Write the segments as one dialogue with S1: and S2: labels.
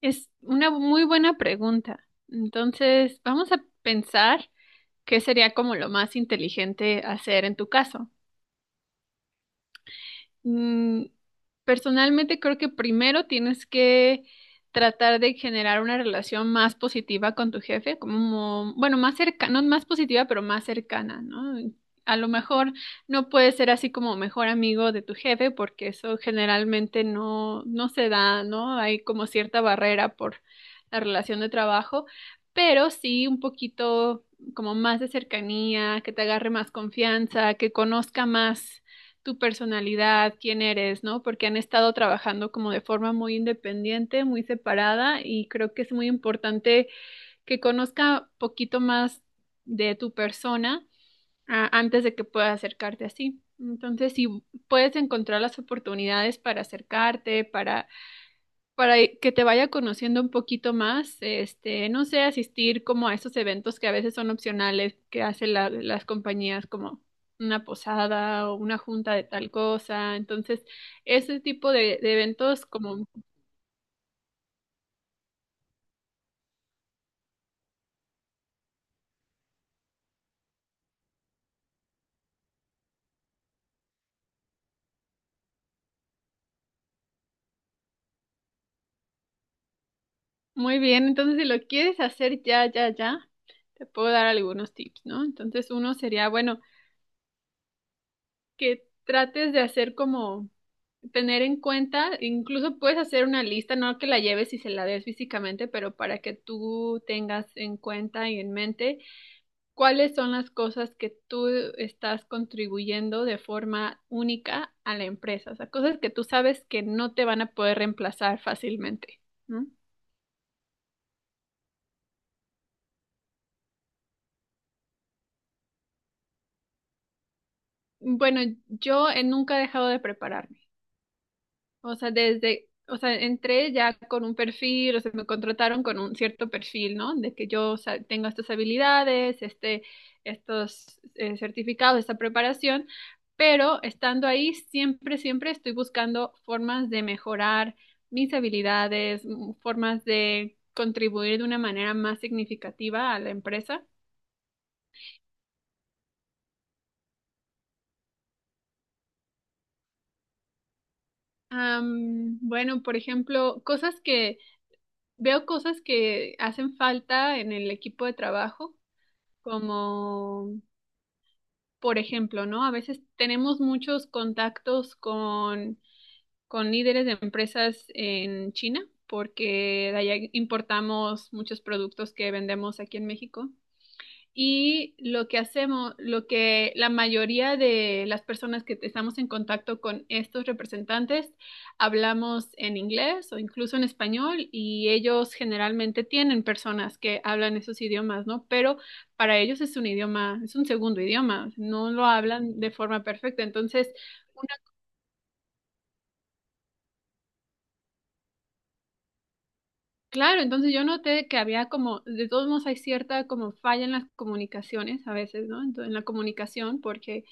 S1: Es una muy buena pregunta. Entonces, vamos a pensar qué sería como lo más inteligente hacer en tu caso. Mm. Personalmente creo que primero tienes que tratar de generar una relación más positiva con tu jefe, como, bueno, más cercana, no más positiva, pero más cercana, ¿no? A lo mejor no puedes ser así como mejor amigo de tu jefe, porque eso generalmente no, no se da, ¿no? Hay como cierta barrera por la relación de trabajo, pero sí un poquito como más de cercanía, que te agarre más confianza, que conozca más tu personalidad, quién eres, ¿no? Porque han estado trabajando como de forma muy independiente, muy separada y creo que es muy importante que conozca poquito más de tu persona, antes de que pueda acercarte así. Entonces, si puedes encontrar las oportunidades para acercarte, para que te vaya conociendo un poquito más, este, no sé, asistir como a esos eventos que a veces son opcionales, que hacen las compañías como una posada o una junta de tal cosa. Entonces, ese tipo de eventos como muy bien. Entonces, si lo quieres hacer ya, ya, ya, te puedo dar algunos tips, ¿no? Entonces, uno sería, bueno, que trates de hacer como tener en cuenta, incluso puedes hacer una lista, no que la lleves y se la des físicamente, pero para que tú tengas en cuenta y en mente cuáles son las cosas que tú estás contribuyendo de forma única a la empresa, o sea, cosas que tú sabes que no te van a poder reemplazar fácilmente. ¿No? Bueno, yo he nunca he dejado de prepararme. O sea, desde, o sea, entré ya con un perfil, o sea, me contrataron con un cierto perfil, ¿no? De que yo, o sea, tengo estas habilidades, este, estos certificados, esta preparación, pero estando ahí, siempre, siempre estoy buscando formas de mejorar mis habilidades, formas de contribuir de una manera más significativa a la empresa. Bueno, por ejemplo, cosas que hacen falta en el equipo de trabajo como, por ejemplo, ¿no? A veces tenemos muchos contactos con líderes de empresas en China, porque de allá importamos muchos productos que vendemos aquí en México. Y lo que hacemos, lo que la mayoría de las personas que estamos en contacto con estos representantes hablamos en inglés o incluso en español y ellos generalmente tienen personas que hablan esos idiomas, ¿no? Pero para ellos es un idioma, es un segundo idioma, no lo hablan de forma perfecta. Entonces, una- claro, entonces yo noté que había como, de todos modos hay cierta como falla en las comunicaciones a veces, ¿no? En la comunicación porque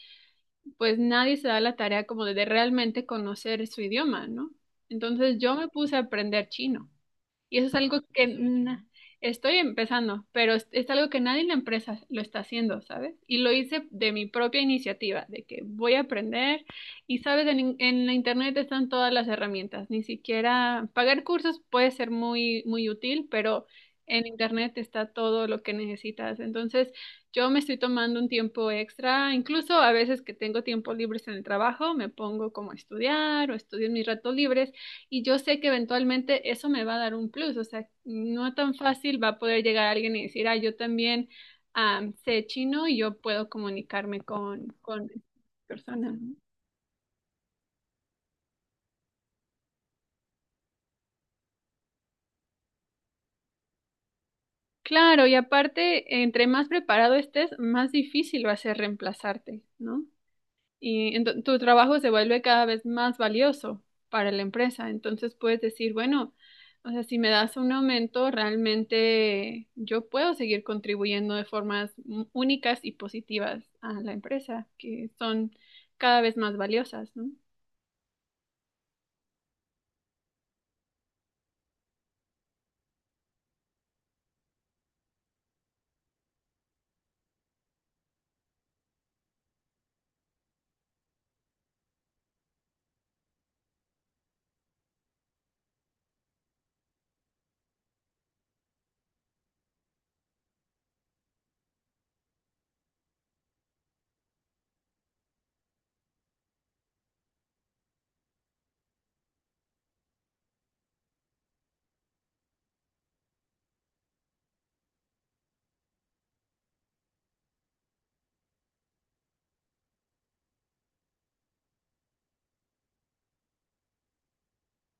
S1: pues nadie se da la tarea como de realmente conocer su idioma, ¿no? Entonces yo me puse a aprender chino. Y eso es algo que estoy empezando, pero es algo que nadie en la empresa lo está haciendo, ¿sabes? Y lo hice de mi propia iniciativa, de que voy a aprender y, ¿sabes? En la internet están todas las herramientas, ni siquiera pagar cursos puede ser muy, muy útil, pero en internet está todo lo que necesitas. Entonces, yo me estoy tomando un tiempo extra, incluso a veces que tengo tiempo libres en el trabajo, me pongo como a estudiar o estudio en mis ratos libres y yo sé que eventualmente eso me va a dar un plus, o sea, no tan fácil va a poder llegar alguien y decir, ah, yo también sé chino y yo puedo comunicarme con personas. ¿No? Claro, y aparte, entre más preparado estés, más difícil va a ser reemplazarte, ¿no? Y tu trabajo se vuelve cada vez más valioso para la empresa. Entonces puedes decir, bueno, o sea, si me das un aumento, realmente yo puedo seguir contribuyendo de formas únicas y positivas a la empresa, que son cada vez más valiosas, ¿no?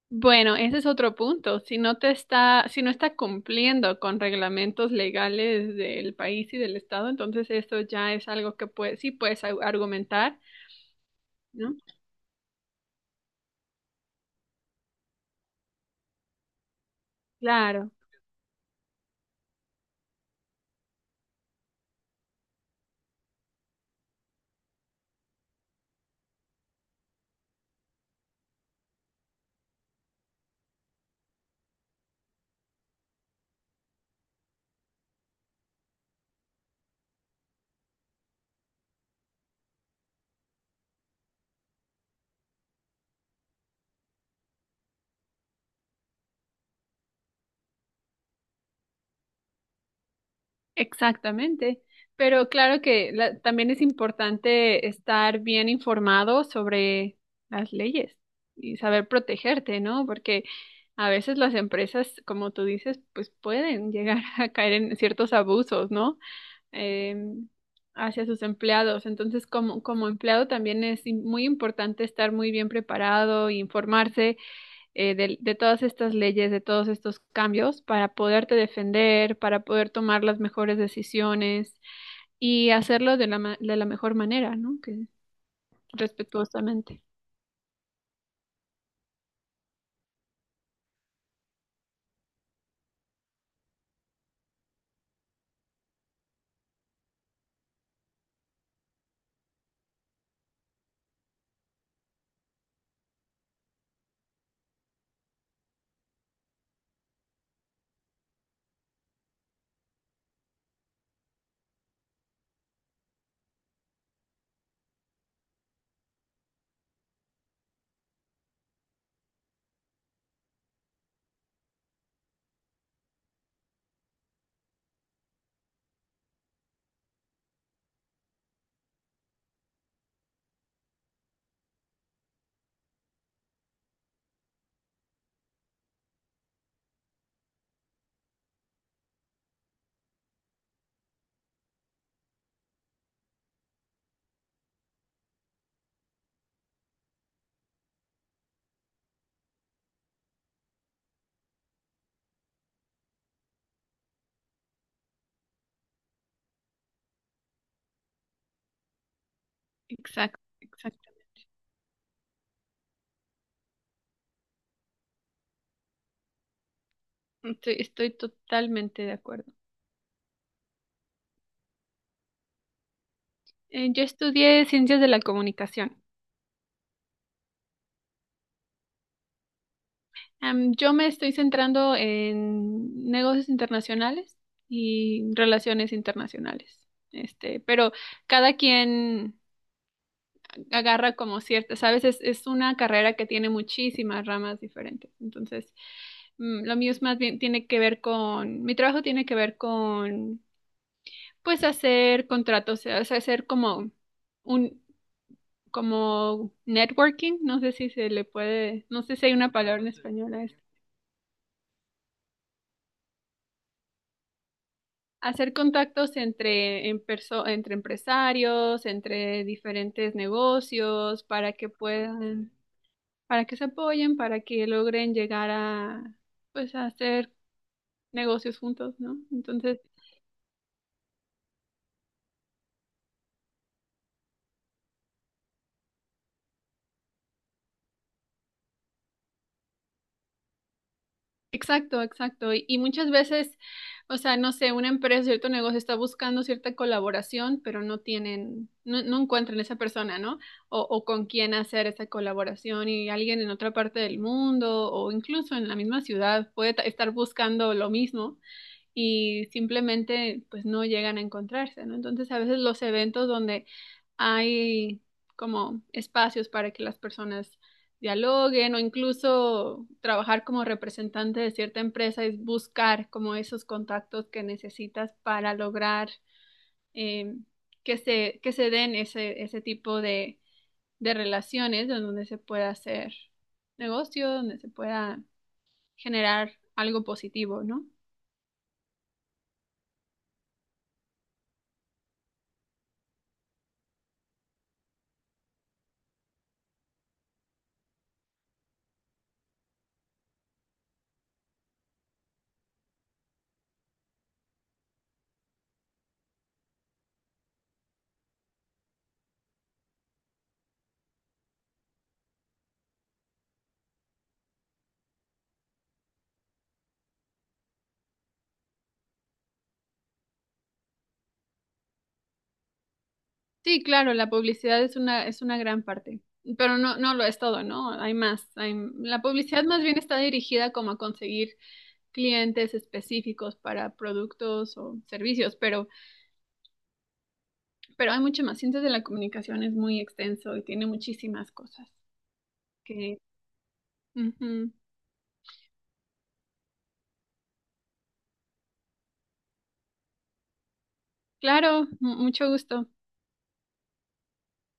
S1: Bueno, ese es otro punto. Si no está cumpliendo con reglamentos legales del país y del estado, entonces eso ya es algo que puede, sí puedes argumentar, ¿no? Claro. Exactamente, pero claro que también es importante estar bien informado sobre las leyes y saber protegerte, ¿no? Porque a veces las empresas, como tú dices, pues pueden llegar a caer en ciertos abusos, ¿no? Eh, hacia sus empleados. Entonces, como, como empleado también es muy importante estar muy bien preparado, e informarse de todas estas leyes, de todos estos cambios, para poderte defender, para poder tomar las mejores decisiones y hacerlo de la mejor manera, ¿no? Que respetuosamente. Exacto, exactamente. Estoy, estoy totalmente de acuerdo. Yo estudié ciencias de la comunicación. Yo me estoy centrando en negocios internacionales y relaciones internacionales. Este, pero cada quien agarra como ciertas, ¿sabes? Es una carrera que tiene muchísimas ramas diferentes. Entonces, lo mío es más bien, tiene que ver con, mi trabajo tiene que ver con, pues, hacer contratos, o sea, hacer como un, como networking, no sé si se le puede, no sé si hay una palabra en español a esto. Hacer contactos entre empresarios, entre diferentes negocios, para que puedan para que se apoyen, para que logren llegar a, pues, a hacer negocios juntos, ¿no? Entonces, exacto, exacto. Y muchas veces, o sea, no sé, una empresa, cierto negocio está buscando cierta colaboración, pero no tienen, no, no encuentran esa persona, ¿no? O con quién hacer esa colaboración y alguien en otra parte del mundo o incluso en la misma ciudad puede estar buscando lo mismo y simplemente pues no llegan a encontrarse, ¿no? Entonces a veces los eventos donde hay como espacios para que las personas dialoguen o incluso trabajar como representante de cierta empresa es buscar como esos contactos que necesitas para lograr eh, que se den ese tipo de relaciones en donde se pueda hacer negocio, donde se pueda generar algo positivo, ¿no? Sí, claro, la publicidad es una gran parte, pero no, no lo es todo, ¿no? Hay más. La publicidad más bien está dirigida como a conseguir clientes específicos para productos o servicios, pero hay mucho más. Ciencias de la comunicación es muy extenso y tiene muchísimas cosas que... Ujú. Claro, mucho gusto.